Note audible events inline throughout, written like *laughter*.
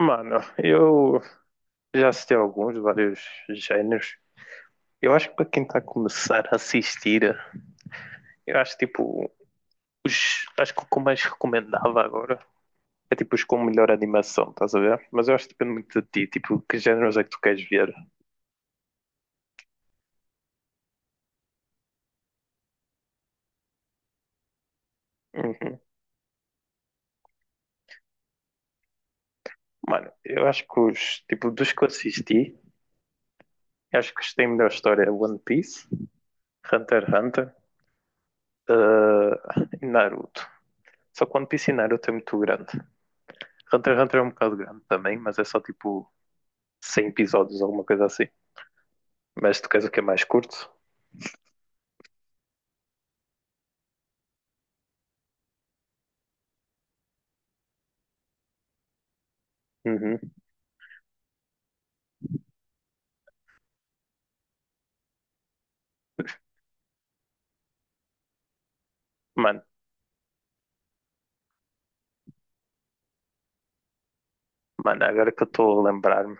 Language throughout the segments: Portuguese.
Mano, eu já assisti a alguns, vários géneros. Eu acho que para quem está a começar a assistir, eu acho tipo, acho que o que eu mais recomendava agora é tipo os com melhor animação, estás a ver? Mas eu acho que depende muito de ti, tipo, que géneros é que tu queres ver. Uhum. Mano, eu acho que os, tipo, dos que eu assisti, eu acho que os que têm melhor história é One Piece, Hunter x Hunter, e Naruto. Só que One Piece e Naruto é muito grande. Hunter x Hunter é um bocado grande também, mas é só tipo 100 episódios, alguma coisa assim. Mas tu queres o que é mais curto? Uhum. Mano, mano, agora que eu estou a lembrar-me,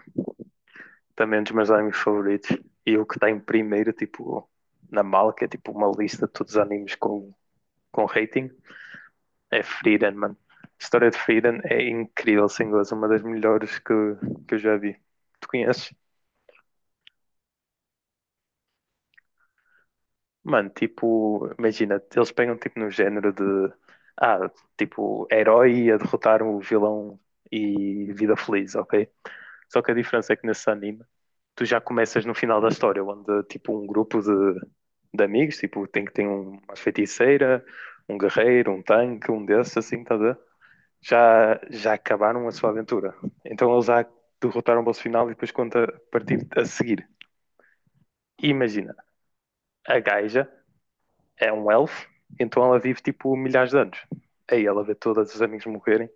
também é um dos meus animes favoritos, e o que está em primeiro, tipo, na mala, que é tipo uma lista de todos os animes com rating, é Freedom, mano. A história de Freedom é incrível, sem gozo, uma das melhores que eu já vi. Tu conheces? Mano, tipo, imagina, eles pegam tipo no género de, ah, tipo, herói a derrotar o vilão e vida feliz, ok? Só que a diferença é que nesse anime tu já começas no final da história, onde tipo um grupo de amigos, tipo, tem que ter uma feiticeira, um guerreiro, um tanque, um desses, assim, tá a ver? Já acabaram a sua aventura. Então eles já derrotaram o boss final e depois conta a partir a seguir. E imagina, a gaja é um elfo, então ela vive tipo milhares de anos. Aí ela vê todos os amigos morrerem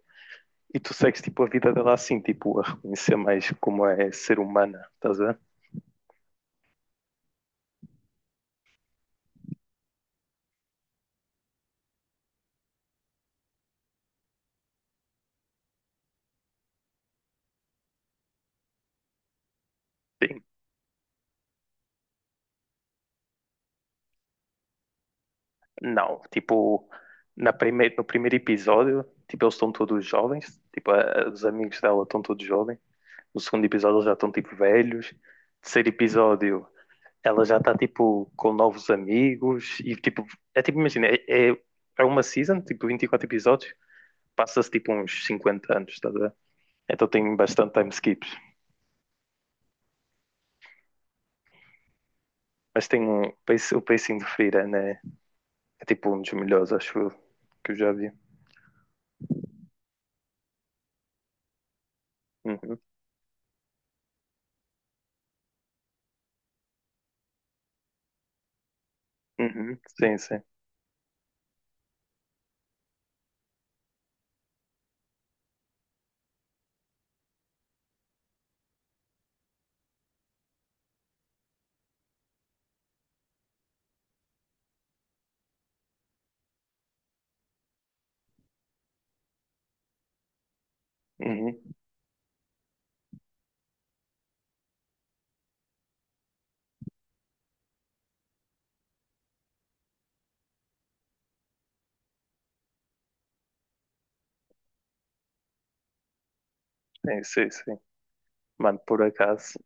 e tu segues tipo a vida dela assim, tipo, a reconhecer mais como é ser humana, estás a ver? Sim. Não, tipo, no primeiro episódio, tipo, eles estão todos jovens, tipo, os amigos dela estão todos jovens. No segundo episódio, eles já estão, tipo, velhos. Terceiro episódio, ela já está, tipo, com novos amigos. E, tipo, é tipo, imagina, é uma season, tipo, 24 episódios. Passa-se, tipo, uns 50 anos, estás a ver? Então tem bastante time skips. Mas tem o pacing de Freira, né? É, tipo, um dos melhores, acho eu, que eu já vi. Uhum, uhum, sim, sim. Uhum, sim, sim, sim. Mano, por acaso,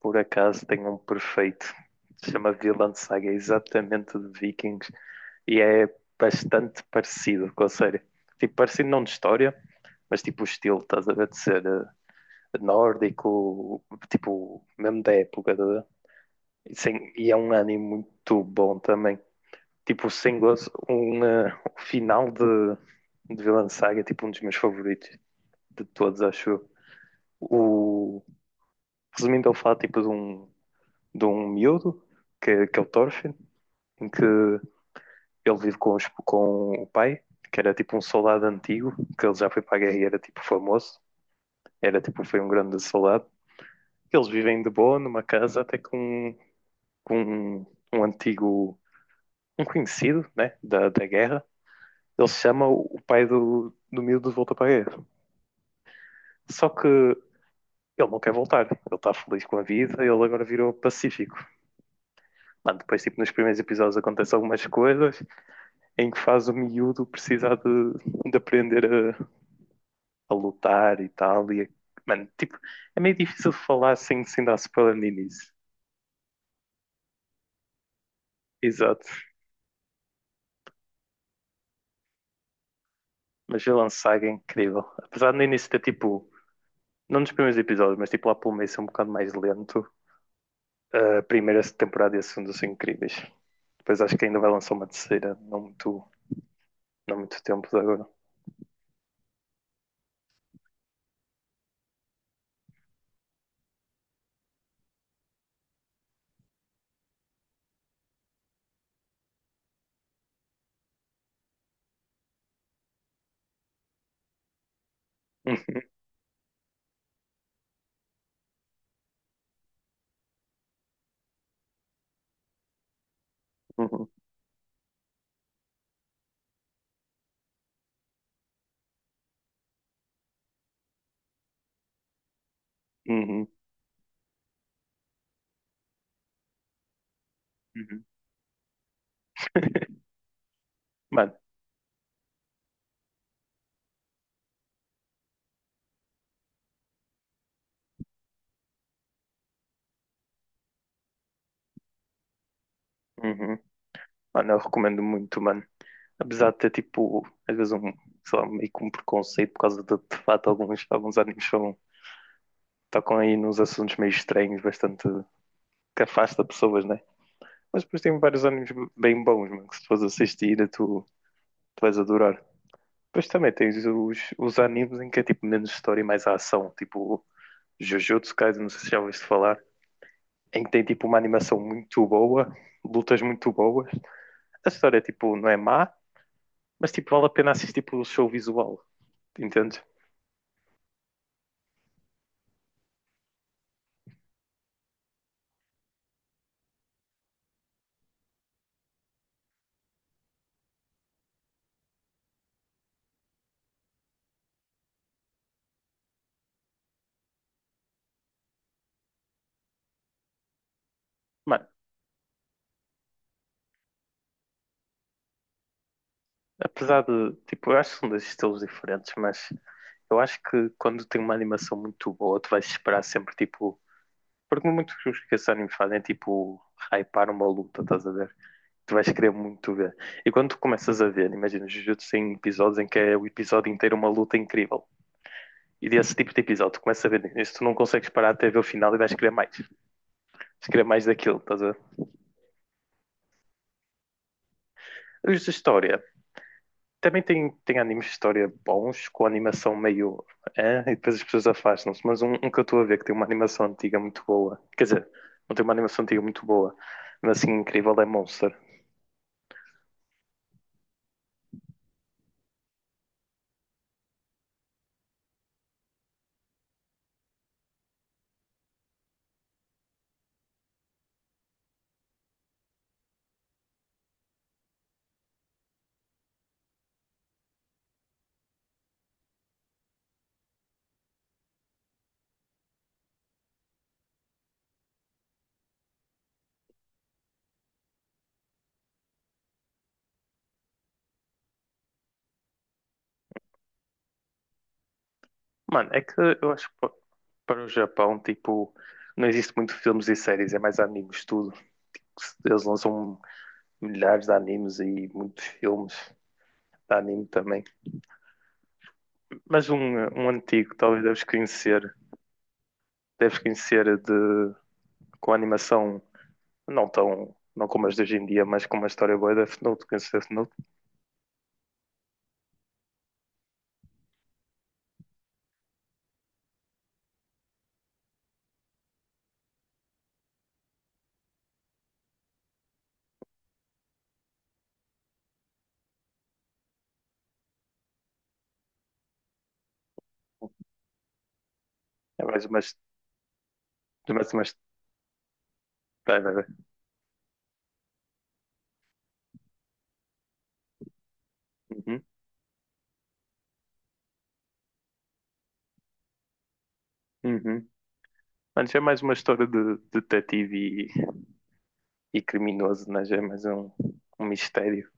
por acaso tem um perfeito. Se chama Vinland Saga, é exatamente de Vikings e é bastante parecido com a série. Tipo, parecido não de história, mas tipo o estilo, estás a ver, de ser nórdico, tipo, mesmo da época, estás a ver? E, sem- e é um anime muito bom também. Tipo, sem gozo, o final de Vinland Saga é tipo um dos meus favoritos de todos, acho eu. O, resumindo, ele fala tipo de um miúdo, que é o Thorfinn, em que ele vive com o pai, que era tipo um soldado antigo, que ele já foi para a guerra e era tipo famoso, era tipo, foi um grande soldado. Eles vivem de boa numa casa até com, um, com um, um antigo, um conhecido, né, da guerra. Ele chama o pai do miúdo de volta para a guerra. Só que ele não quer voltar, ele está feliz com a vida, ele agora virou pacífico. Mano, depois, tipo, nos primeiros episódios acontecem algumas coisas, em que faz o miúdo precisar de aprender a, a lutar e tal. Mano, tipo, é meio difícil de falar sem dar spoiler no início. Exato. Mas Vilão Saga é incrível. Apesar de no início ter tipo, não nos primeiros episódios, mas tipo lá pelo meio ser um bocado mais lento, a primeira temporada e a segunda são incríveis. Depois acho que ainda vai lançar uma terceira, não muito tempo de agora. *laughs* Uhum, uhum, uhum. uhum. *laughs* Mano, uhum. Mano, eu recomendo muito, mano. Apesar de ter tipo, às vezes um, sei lá, meio que um preconceito por causa de fato alguns animes são, tocam aí nos assuntos meio estranhos, bastante que afasta pessoas, né? Mas depois tem vários animes bem bons, mano, que se tu fores assistir, tu vais adorar. Depois também tens os animes em que é tipo menos história e mais ação, tipo Jujutsu Kaisen, não sei se já ouviste falar, em que tem tipo uma animação muito boa, lutas muito boas. A história tipo não é má, mas tipo vale a pena assistir pelo show visual, entende? Mano, apesar de, tipo, eu acho que são dois estilos diferentes, mas eu acho que quando tem uma animação muito boa, tu vais esperar sempre, tipo, porque muitos que esses animes fazem é, tipo, hypar uma luta, estás a ver? Tu vais querer muito ver. E quando tu começas a ver, imagina, Jujutsu tem episódios em que é o episódio inteiro uma luta incrível. E desse tipo de episódio, tu começas a ver isso, tu não consegues parar até ver o final e vais querer mais. Vais querer mais daquilo, estás a ver? Os de história. Também tem animes de história bons, com animação meio. E depois as pessoas afastam-se. Mas um que eu estou a ver que tem uma animação antiga muito boa. Quer dizer, não tem uma animação antiga muito boa, mas assim incrível é Monster. Mano, é que eu acho que para o Japão, tipo, não existe muito filmes e séries, é mais animes, tudo. Eles lançam milhares de animes e muitos filmes de anime também. Mas um antigo, talvez deves conhecer, de, com animação não tão, não como as de hoje em dia, mas com uma história boa da Fnut, que se Fnut é mais umas, vai, vai, vai. Uhum, uhum. Mano, é mais uma história de detetive e criminoso, né? Já é mais um mistério.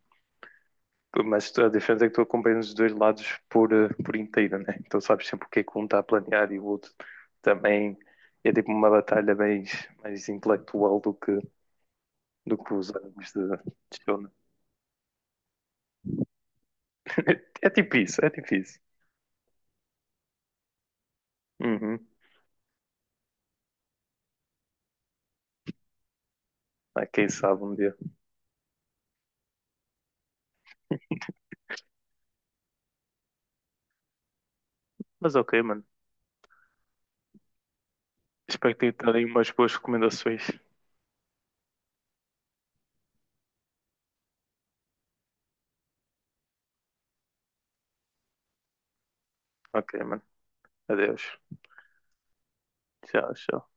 Mas a diferença é que tu acompanhas os dois lados por inteiro, né? Então sabes sempre o que é que um está a planear e o outro também é tipo uma batalha mais intelectual do que os anos de Shonen. *laughs* É tipo isso, é tipo isso. Uhum. Ah, quem sabe um dia. Mas ok, mano. Espero que tenha dado aí umas boas recomendações. Ok, mano. Adeus. Tchau, tchau.